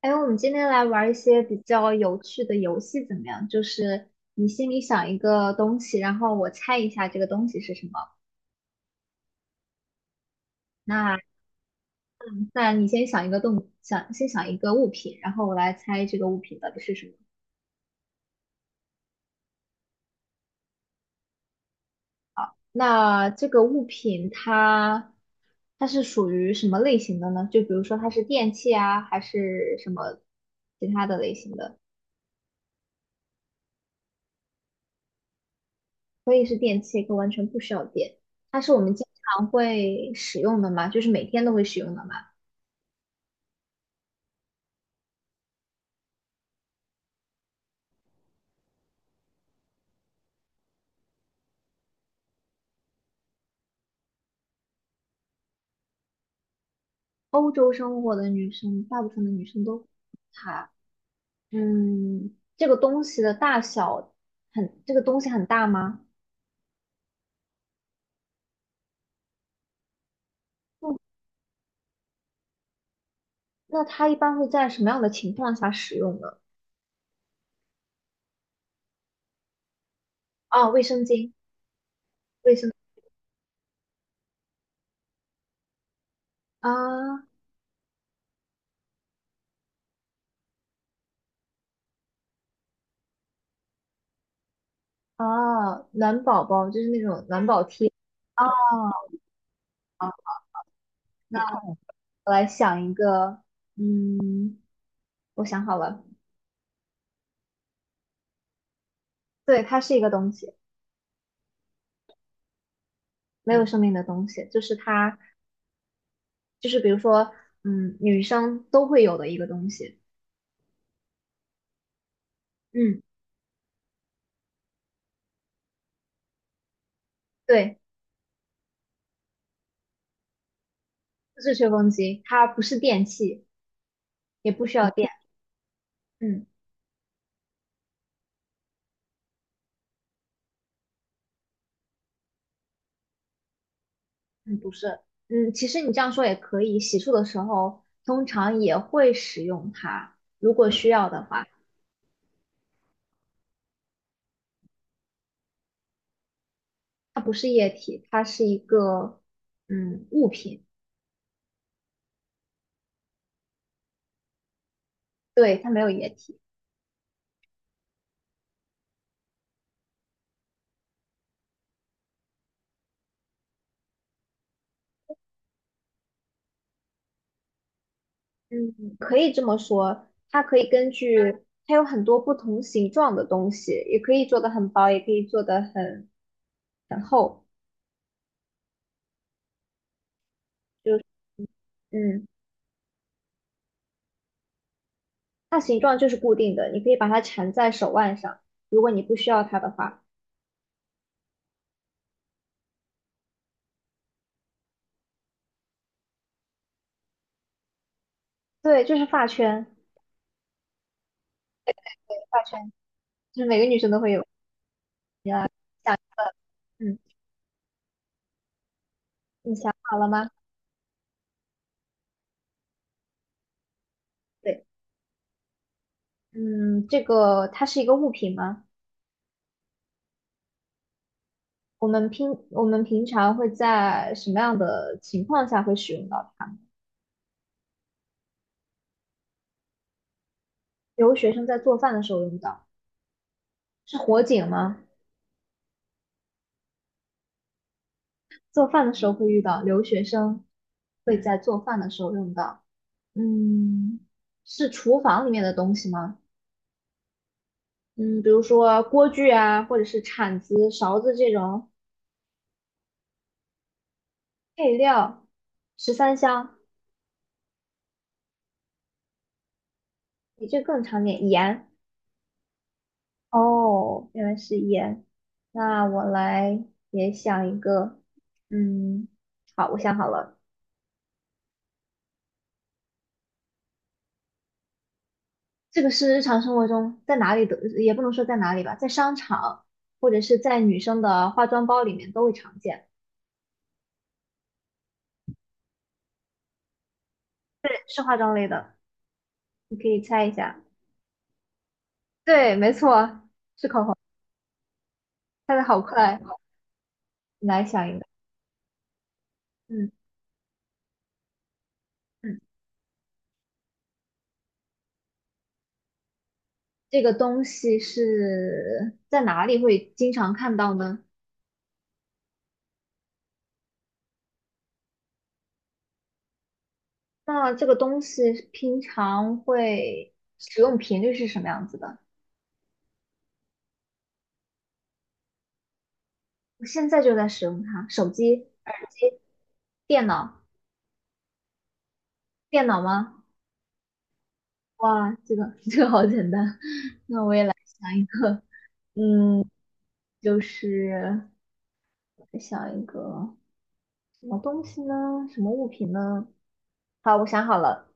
哎，我们今天来玩一些比较有趣的游戏，怎么样？就是你心里想一个东西，然后我猜一下这个东西是什么。那那你先想一个动，想先想一个物品，然后我来猜这个物品到底是什么。那这个物品它是属于什么类型的呢？就比如说它是电器啊，还是什么其他的类型的？可以是电器，可以完全不需要电。它是我们经常会使用的嘛，就是每天都会使用的嘛。欧洲生活的女生，大部分的女生都她，嗯，这个东西的大小很，这个东西很大吗？那它一般会在什么样的情况下使用呢？啊，卫生巾，卫生啊啊，暖宝宝就是那种暖宝贴。哦，那我来想一个，嗯，我想好了，对，它是一个东西，没有生命的东西，就是它，就是比如说，嗯，女生都会有的一个东西。嗯，对。是吹风机，它不是电器，也不需要电。嗯嗯，不是，其实你这样说也可以，洗漱的时候通常也会使用它，如果需要的话。它不是液体，它是一个物品，对，它没有液体。嗯，可以这么说，它可以根据它有很多不同形状的东西，也可以做的很薄，也可以做的很厚。就嗯。它形状就是固定的，你可以把它缠在手腕上，如果你不需要它的话。对，就是发圈，发圈就是每个女生都会有。想，嗯，你想好了吗？对，嗯，这个它是一个物品吗？我们平常会在什么样的情况下会使用到它？留学生在做饭的时候用到，是火警吗？做饭的时候会遇到，留学生会在做饭的时候用到。嗯，是厨房里面的东西吗？嗯，比如说锅具啊，或者是铲子、勺子这种配料，十三香，比这更常见。盐，哦，原来是盐。那我来也想一个，嗯，好，我想好了，这个是日常生活中在哪里都，也不能说在哪里吧，在商场或者是在女生的化妆包里面都会常见，对是化妆类的，你可以猜一下。对，没错，猜的好快，你来想一个，嗯。嗯。这个东西是在哪里会经常看到呢？那这个东西平常会使用频率是什么样子的？我现在就在使用它，手机、耳机、电脑，电脑吗？哇，这个 这个好简单，想一个，嗯，就是我想一个什么东西呢？什么物品呢？好，我想好了，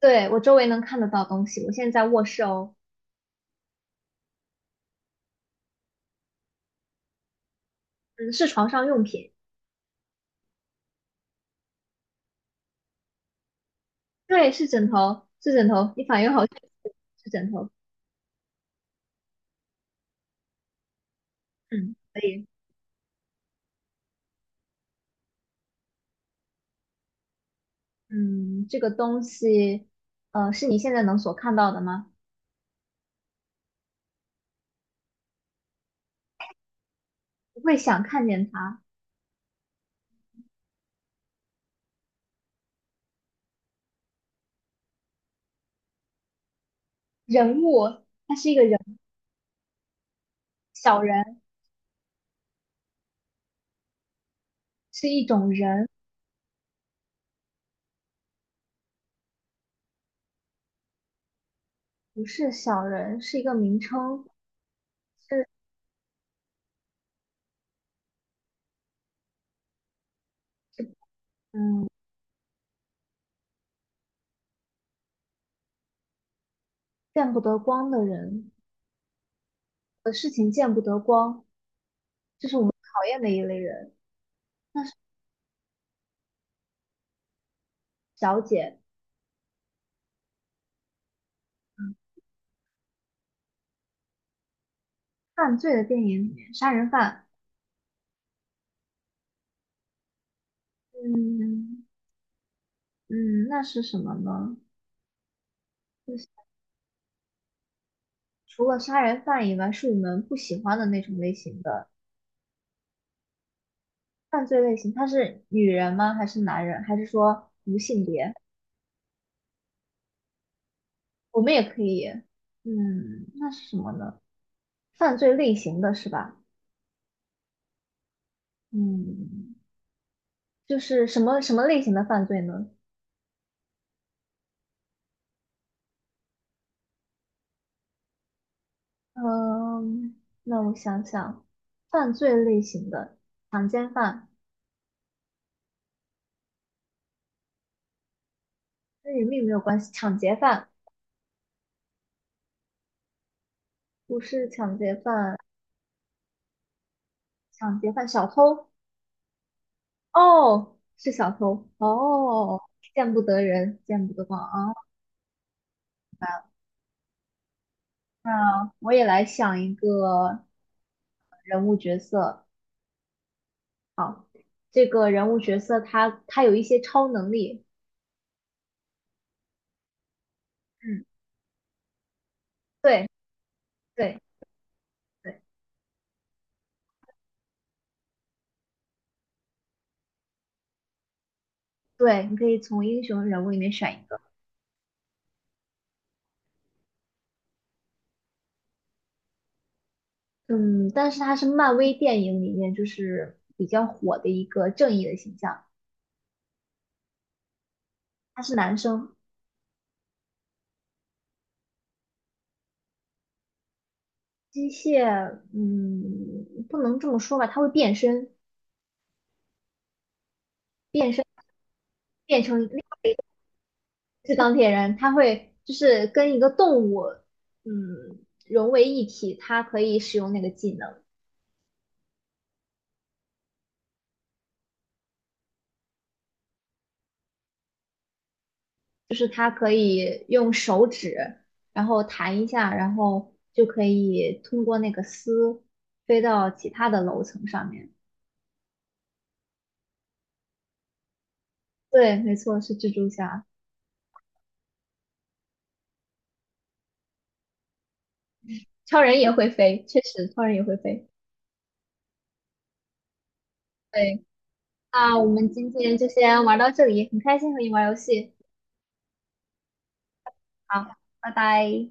对，我周围能看得到东西，我现在在卧室哦，嗯，是床上用品。对，是枕头，是枕头，你反应好像是枕头。嗯，可以。嗯，这个东西，是你现在能所看到的吗？不会想看见它。人物，它是一个人，小人是一种人，不是小人，是一个名称，是嗯，见不得光的人，事情见不得光，讨厌的一类人，小姐，犯罪的电影里面，杀人犯。嗯嗯，那是什么呢？嗯除了杀人犯以外，是你们不喜欢的那种类型的犯罪类型。他是女人吗？还是男人？还是说无性别？我们也可以，嗯，那是什么呢？犯罪类型的是吧？嗯，就是什么什么类型的犯罪呢？嗯，那我想想，犯罪类型的强奸犯跟人命没有关系，抢劫犯不是抢劫犯，抢劫犯小偷哦，是小偷哦，见不得人，见不得光啊。那我也来想一个人物角色，这个人物角色他有一些超能力，嗯，对对对对，你可以从英雄人物里面选一个，嗯，但是他是漫威电影里面就是比较火的一个正义的形象，他是男生，机械，嗯，不能这么说吧，他会变身，变身变成。是钢铁人，他会就是跟一个动物，嗯，融为一体，他可以使用那个技能，就是他可以用手指，然后弹一下，然后就可以通过那个丝飞到其他的楼层上面。对，没错，是蜘蛛侠。超人也会飞，确实，超人也会飞。对，那我们今天就先玩到这里，很开心和你玩游戏。好，拜拜。